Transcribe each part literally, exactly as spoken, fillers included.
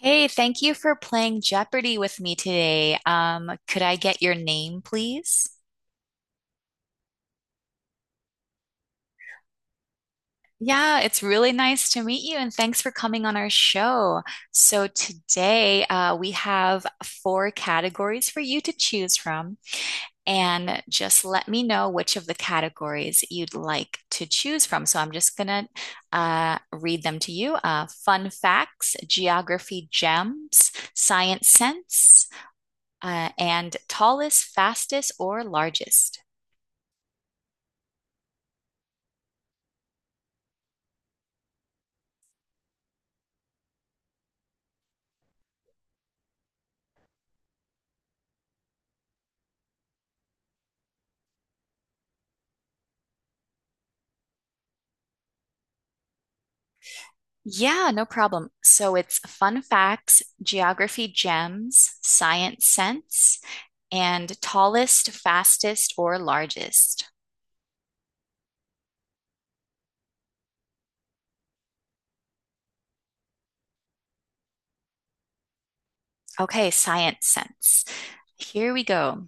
Hey, thank you for playing Jeopardy with me today. Um, could I get your name, please? Yeah, it's really nice to meet you, and thanks for coming on our show. So, today uh, we have four categories for you to choose from, and just let me know which of the categories you'd like to choose from. So, I'm just gonna uh, read them to you. Uh, fun facts, geography gems, science sense. Uh, and tallest, fastest, or largest? Yeah, no problem. So it's fun facts, geography gems, science sense, and tallest, fastest, or largest. Okay, science sense. Here we go.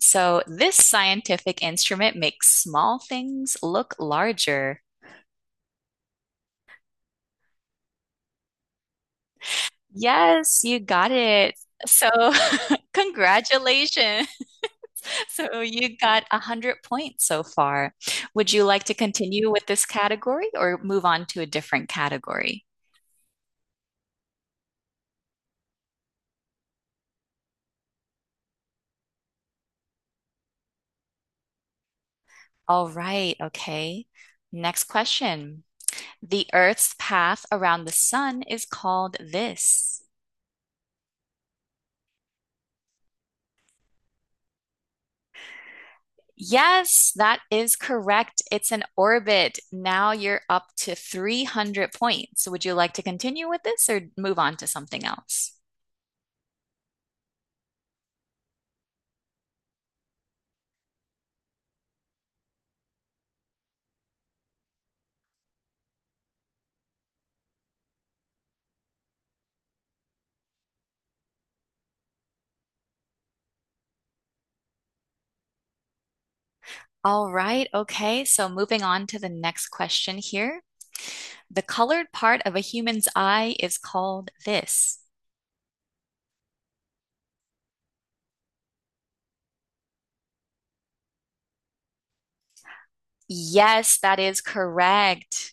So this scientific instrument makes small things look larger. Yes, you got it. So congratulations. So you got one hundred points so far. Would you like to continue with this category or move on to a different category? All right, okay. Next question. The Earth's path around the sun is called this. Yes, that is correct. It's an orbit. Now you're up to three hundred points. Would you like to continue with this or move on to something else? All right, okay. So moving on to the next question here. The colored part of a human's eye is called this. Yes, that is correct.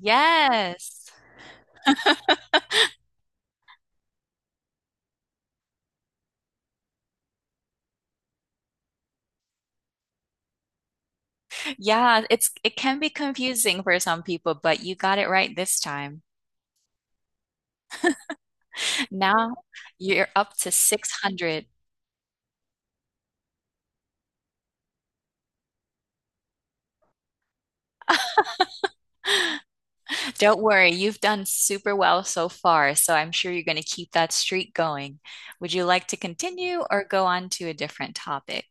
Yes. Yeah, it's it can be confusing for some people, but you got it right this time. Now you're up to six hundred. Don't worry, you've done super well so far, so I'm sure you're going to keep that streak going. Would you like to continue or go on to a different topic?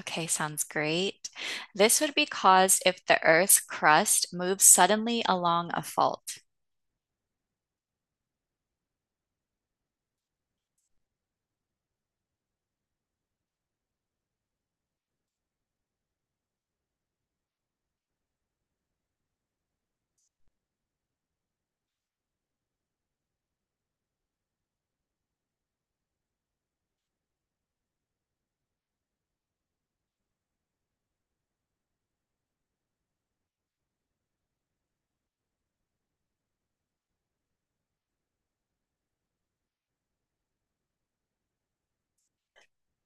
Okay, sounds great. This would be caused if the Earth's crust moves suddenly along a fault.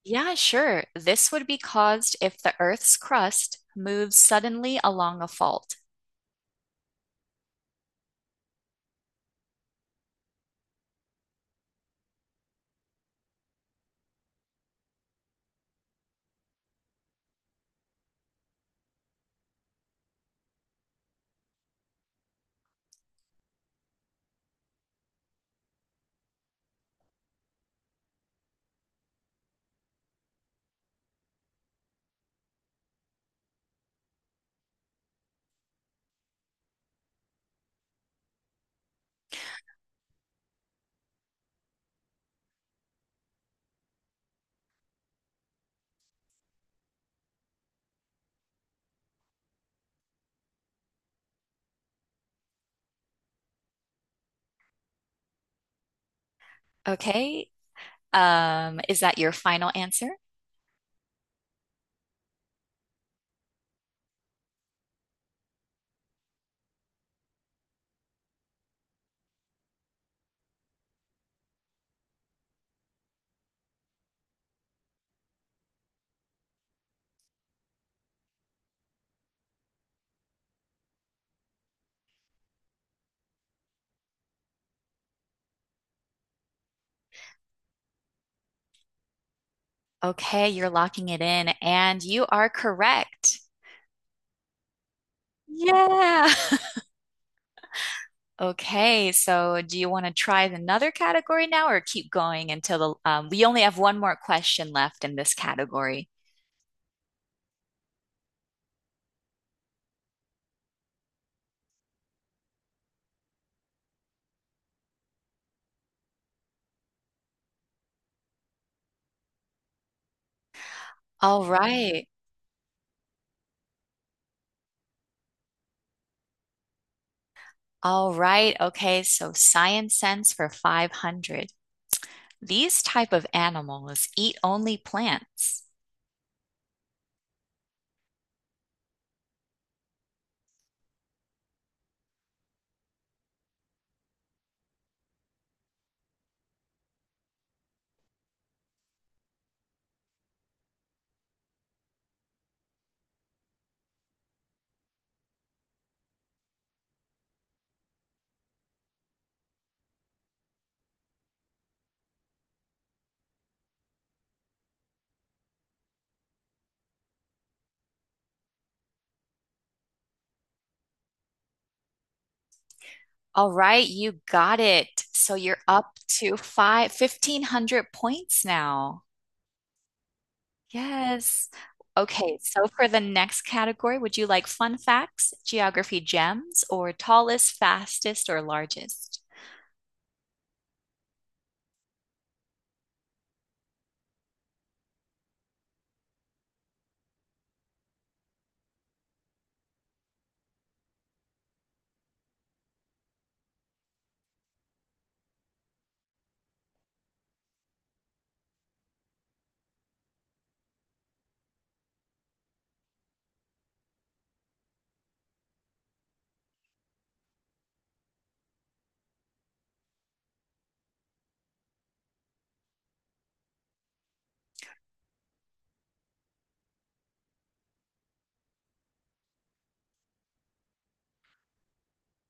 Yeah, sure. This would be caused if the Earth's crust moves suddenly along a fault. Okay. Um, is that your final answer? Okay, you're locking it in, and you are correct. Yeah. Okay, so do you want to try another category now or keep going until the, um, we only have one more question left in this category? All right. All right. Okay. So science sense for five hundred. These type of animals eat only plants. All right. You got it. So you're up to five fifteen hundred points now. Yes. Okay. So for the next category, would you like fun facts, geography gems, or tallest, fastest, or largest?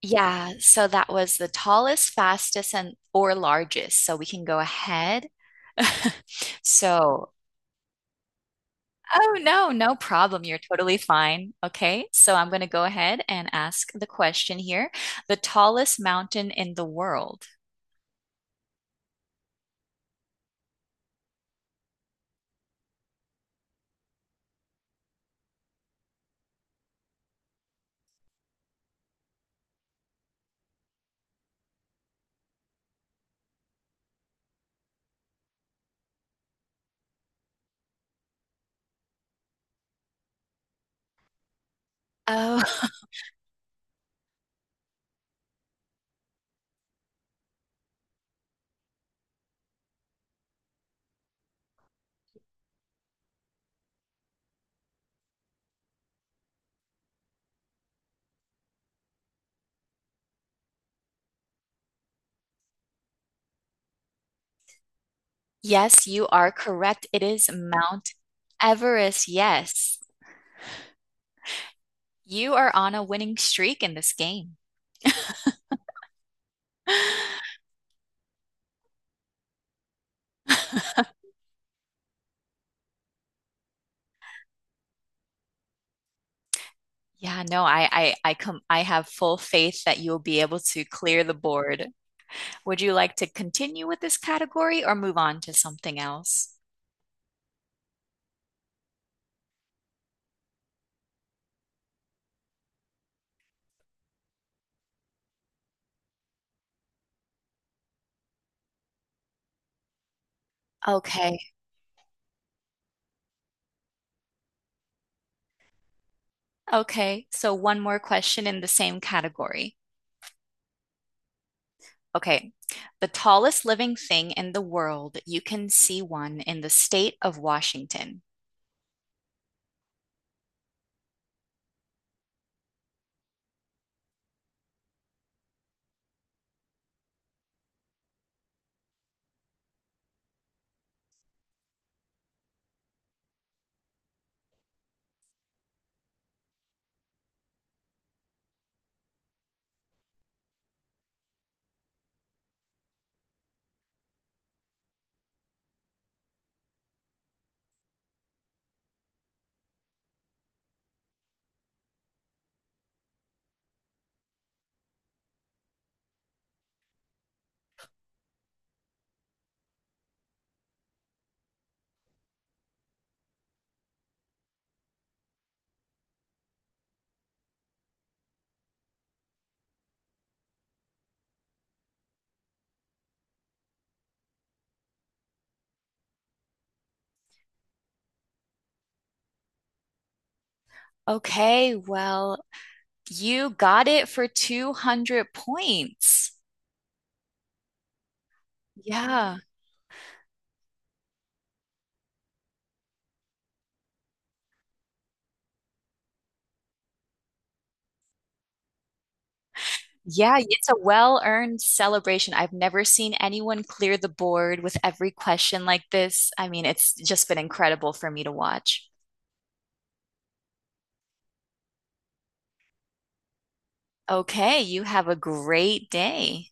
Yeah. So that was the tallest, fastest, and or largest. So we can go ahead. So Oh, no, no problem. You're totally fine. Okay, so I'm going to go ahead and ask the question here. The tallest mountain in the world. Oh, yes, you are correct. It is Mount Everest. Yes, you are on a winning streak in this game. Yeah, no, I, I, I come, I have full faith that you'll be able to clear the board. Would you like to continue with this category or move on to something else? Okay. Okay, so one more question in the same category. Okay, the tallest living thing in the world, you can see one in the state of Washington. Okay, well, you got it for two hundred points. Yeah. Yeah, it's a well-earned celebration. I've never seen anyone clear the board with every question like this. I mean, it's just been incredible for me to watch. Okay, you have a great day.